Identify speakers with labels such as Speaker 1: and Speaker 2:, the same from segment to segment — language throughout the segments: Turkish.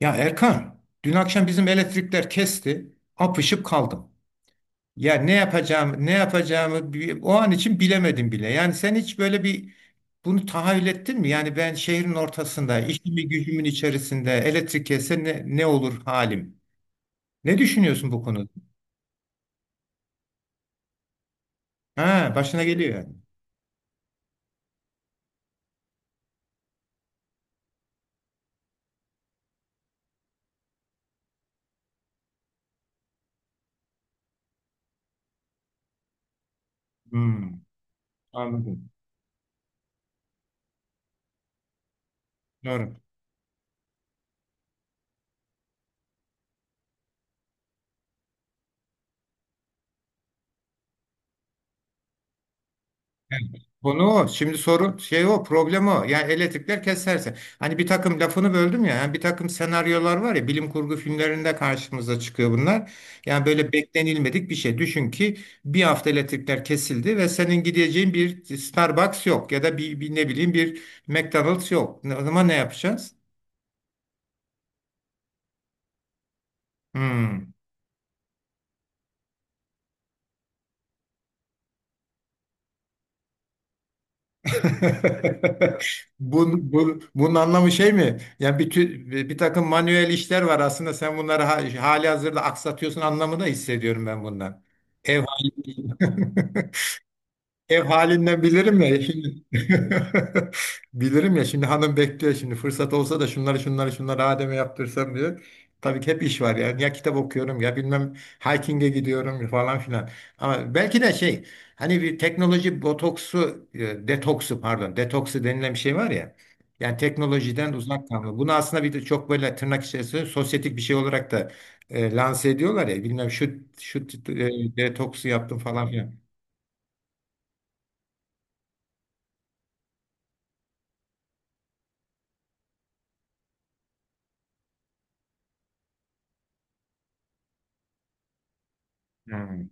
Speaker 1: Ya Erkan, dün akşam bizim elektrikler kesti, apışıp kaldım. Ya ne yapacağım, ne yapacağımı o an için bilemedim bile. Yani sen hiç böyle bunu tahayyül ettin mi? Yani ben şehrin ortasında, işimi gücümün içerisinde elektrik kesse ne olur halim? Ne düşünüyorsun bu konuda? Ha, başına geliyor yani. Hmm, anladım. Doğru. Evet. Konu o. Şimdi sorun şey o, problem o. Yani elektrikler keserse. Hani bir takım lafını böldüm ya. Yani bir takım senaryolar var ya, bilim kurgu filmlerinde karşımıza çıkıyor bunlar. Yani böyle beklenilmedik bir şey. Düşün ki bir hafta elektrikler kesildi ve senin gideceğin bir Starbucks yok ya da bir ne bileyim bir McDonald's yok. O zaman ne yapacağız? Hmm. Bunun anlamı şey mi? Yani bir takım manuel işler var, aslında sen bunları hali hazırda aksatıyorsun anlamı da hissediyorum ben bundan. Ev hali. Ev halinden bilirim ya şimdi. Bilirim ya şimdi, hanım bekliyor şimdi fırsat olsa da şunları şunları şunları Adem'e yaptırsam diyor. Tabii ki hep iş var, yani ya kitap okuyorum ya bilmem hiking'e gidiyorum falan filan. Ama belki de şey, hani bir teknoloji botoksu, detoksu, pardon, detoksu denilen bir şey var ya. Yani teknolojiden uzak kalma. Bunu aslında bir de çok böyle tırnak içerisinde sosyetik bir şey olarak da lanse ediyorlar ya, bilmem şu şu detoksu yaptım falan filan. Hmm.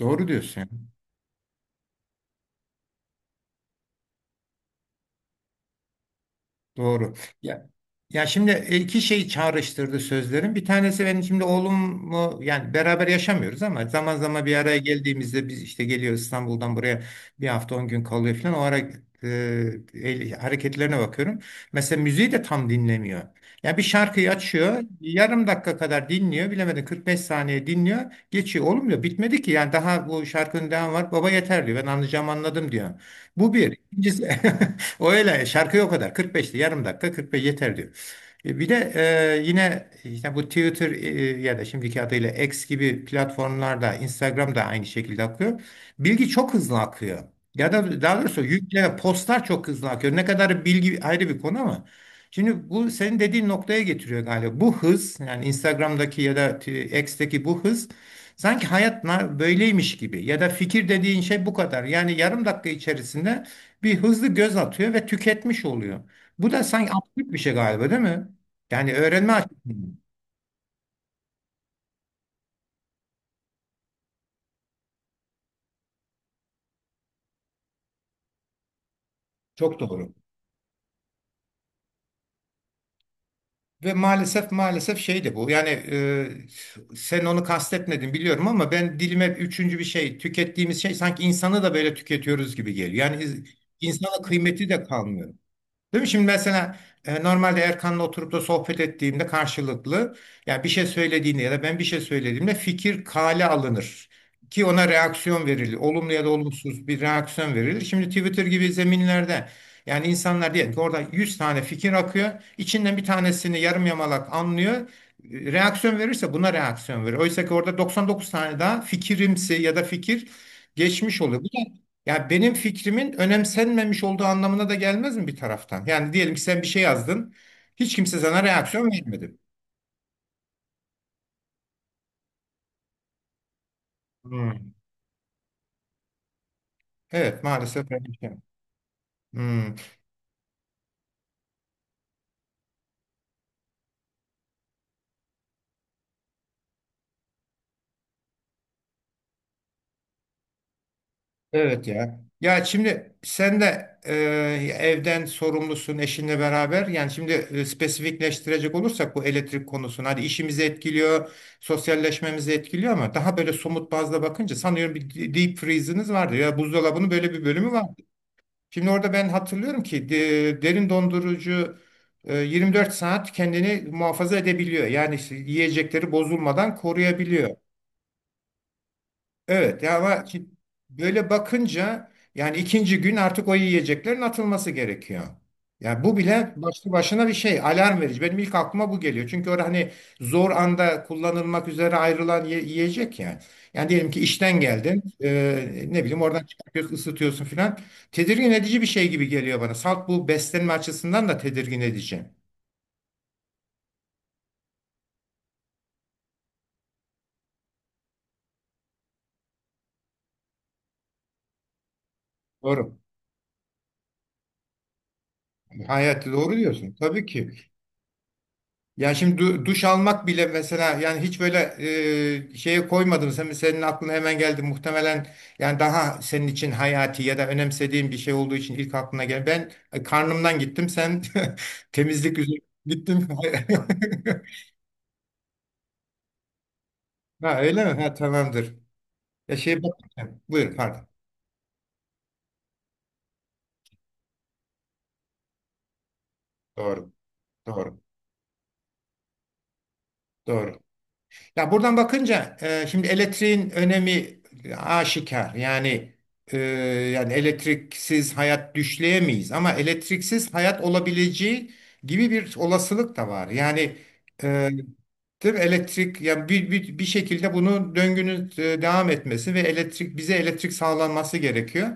Speaker 1: Doğru diyorsun ya. Doğru. Ya Ya şimdi iki şey çağrıştırdı sözlerin. Bir tanesi, benim şimdi oğlumu yani, beraber yaşamıyoruz ama zaman zaman bir araya geldiğimizde, biz işte geliyoruz İstanbul'dan buraya, bir hafta 10 gün kalıyor falan. O ara e, hareketlerine bakıyorum. Mesela müziği de tam dinlemiyor. Ya bir şarkıyı açıyor, yarım dakika kadar dinliyor, bilemedim 45 saniye dinliyor, geçiyor. Oğlum diyor bitmedi ki, yani daha bu şarkının devamı var. Baba yeter diyor, ben anlayacağım anladım diyor. Bu bir. İkincisi, o öyle şarkı o kadar 45'ti, yarım dakika 45 yeter diyor. Bir de yine işte bu Twitter, ya da şimdiki adıyla X gibi platformlarda, Instagram da aynı şekilde akıyor. Bilgi çok hızlı akıyor. Ya da daha doğrusu yükle postlar çok hızlı akıyor. Ne kadar bilgi ayrı bir konu ama. Şimdi bu senin dediğin noktaya getiriyor galiba. Bu hız, yani Instagram'daki ya da X'teki bu hız, sanki hayat böyleymiş gibi, ya da fikir dediğin şey bu kadar. Yani yarım dakika içerisinde bir hızlı göz atıyor ve tüketmiş oluyor. Bu da sanki absürt bir şey galiba, değil mi? Yani öğrenme açısından çok doğru. Ve maalesef maalesef şey de bu. Yani sen onu kastetmedin biliyorum ama, ben dilime üçüncü bir şey, tükettiğimiz şey sanki insanı da böyle tüketiyoruz gibi geliyor. Yani insana kıymeti de kalmıyor. Değil mi? Şimdi mesela normalde Erkan'la oturup da sohbet ettiğimde karşılıklı, ya bir şey söylediğinde ya da ben bir şey söylediğimde, fikir kale alınır. Ki ona reaksiyon verilir. Olumlu ya da olumsuz bir reaksiyon verilir. Şimdi Twitter gibi zeminlerde yani, insanlar diyelim ki orada 100 tane fikir akıyor. İçinden bir tanesini yarım yamalak anlıyor. Reaksiyon verirse buna reaksiyon verir. Oysa ki orada 99 tane daha fikirimsi ya da fikir geçmiş oluyor. Ya benim fikrimin önemsenmemiş olduğu anlamına da gelmez mi bir taraftan? Yani diyelim ki sen bir şey yazdın, hiç kimse sana reaksiyon vermedi. Hmm. Evet, maalesef öyle bir şey. Hmm. Evet ya. Ya şimdi sen de evden sorumlusun eşinle beraber. Yani şimdi spesifikleştirecek olursak bu elektrik konusunu. Hadi işimizi etkiliyor, sosyalleşmemizi etkiliyor ama daha böyle somut bazda bakınca, sanıyorum bir deep freeze'iniz vardı. Ya buzdolabının böyle bir bölümü var. Şimdi orada ben hatırlıyorum ki derin dondurucu 24 saat kendini muhafaza edebiliyor. Yani işte yiyecekleri bozulmadan koruyabiliyor. Evet ya, ama böyle bakınca yani, ikinci gün artık o yiyeceklerin atılması gerekiyor. Yani bu bile başlı başına bir şey, alarm verici. Benim ilk aklıma bu geliyor. Çünkü orada hani zor anda kullanılmak üzere ayrılan yiyecek yani. Yani diyelim ki işten geldin, ne bileyim oradan çıkartıyorsun, ısıtıyorsun filan. Tedirgin edici bir şey gibi geliyor bana. Salt bu beslenme açısından da tedirgin edici. Doğru. Hayati, doğru diyorsun. Tabii ki. Yani şimdi duş almak bile mesela, yani hiç böyle şeye koymadın. Senin aklına hemen geldi muhtemelen, yani daha senin için hayati ya da önemsediğin bir şey olduğu için ilk aklına gel. Ben karnımdan gittim, sen temizlik üzerine gittin. Ha, öyle mi? Ha, tamamdır. Ya şey, bak, buyur, pardon. Doğru. Doğru. Doğru. Ya buradan bakınca şimdi elektriğin önemi aşikar. Yani e, yani elektriksiz hayat düşleyemeyiz, ama elektriksiz hayat olabileceği gibi bir olasılık da var. Yani, e, değil mi? Elektrik yani bir şekilde, bunun döngünün devam etmesi ve elektrik, bize elektrik sağlanması gerekiyor.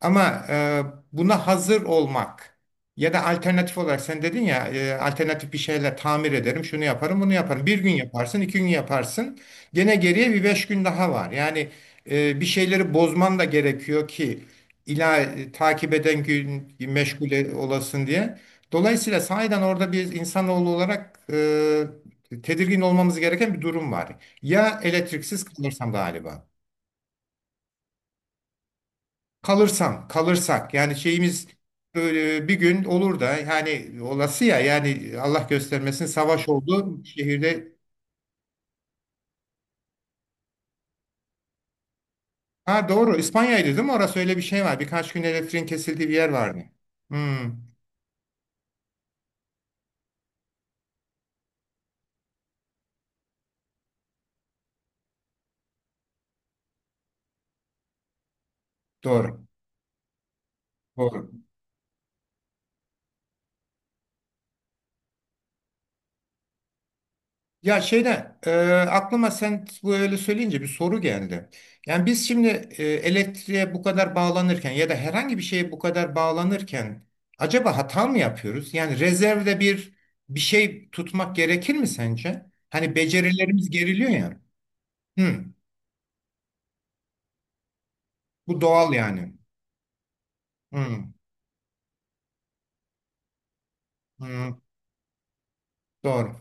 Speaker 1: Ama buna hazır olmak. Ya da alternatif olarak sen dedin ya, alternatif bir şeyler tamir ederim, şunu yaparım, bunu yaparım. Bir gün yaparsın, 2 gün yaparsın. Gene geriye bir 5 gün daha var. Yani bir şeyleri bozman da gerekiyor ki, ila takip eden gün meşgul olasın diye. Dolayısıyla sahiden orada bir insanoğlu olarak tedirgin olmamız gereken bir durum var. Ya elektriksiz kalırsam galiba. Kalırsam, kalırsak yani, şeyimiz, böyle bir gün olur da yani, olası ya, yani Allah göstermesin savaş oldu şehirde. Ha doğru, İspanya'ydı değil mi? Orası, öyle bir şey var. Birkaç gün elektriğin kesildiği bir yer vardı. Hmm, doğru. Doğru. Ya şeyde aklıma, sen bu öyle söyleyince bir soru geldi. Yani biz şimdi elektriğe bu kadar bağlanırken ya da herhangi bir şeye bu kadar bağlanırken, acaba hata mı yapıyoruz? Yani rezervde bir şey tutmak gerekir mi sence? Hani becerilerimiz geriliyor ya. Hı, bu doğal yani. Hı, hı, doğru.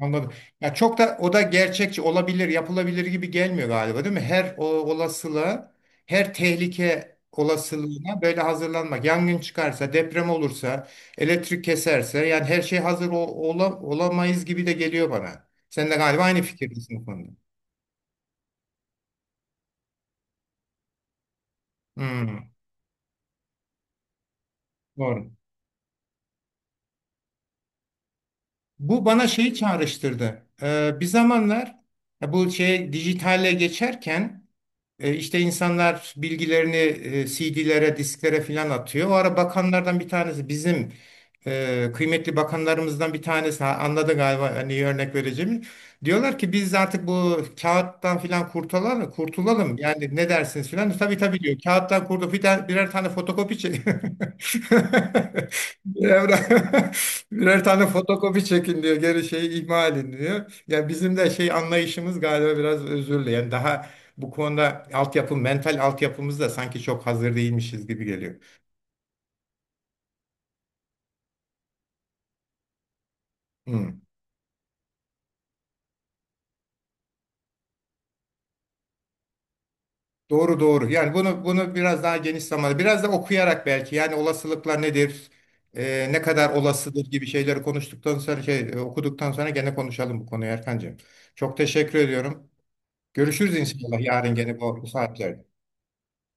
Speaker 1: Anladım. Ya çok da, o da gerçekçi olabilir, yapılabilir gibi gelmiyor galiba, değil mi? Her o olasılığa, her tehlike olasılığına böyle hazırlanmak. Yangın çıkarsa, deprem olursa, elektrik keserse, yani her şey olamayız gibi de geliyor bana. Sen de galiba aynı fikirdesin bu konuda. Hmm, doğru. Bu bana şeyi çağrıştırdı. Bir zamanlar, ya bu şey dijitale geçerken, İşte insanlar bilgilerini CD'lere, disklere filan atıyor. O ara bakanlardan bir tanesi, bizim kıymetli bakanlarımızdan bir tanesi, ha, anladı galiba hani örnek vereceğimi. Diyorlar ki biz artık bu kağıttan filan kurtulalım, kurtulalım, yani ne dersiniz filan. Tabii tabii diyor. Kağıttan kurtul, birer tane fotokopi çek. Birer, birer tane fotokopi çekin diyor. Geri şeyi ihmal edin diyor. Ya bizim de şey anlayışımız galiba biraz özürlü. Yani daha bu konuda altyapı, mental altyapımız da sanki çok hazır değilmişiz gibi geliyor. Hmm. Doğru doğru. Yani bunu biraz daha geniş zamanda, biraz da okuyarak belki, yani olasılıklar nedir, ne kadar olasıdır gibi şeyleri konuştuktan sonra, şey, okuduktan sonra gene konuşalım bu konuyu Erkancığım. Çok teşekkür ediyorum. Görüşürüz inşallah yarın gene bu saatlerde.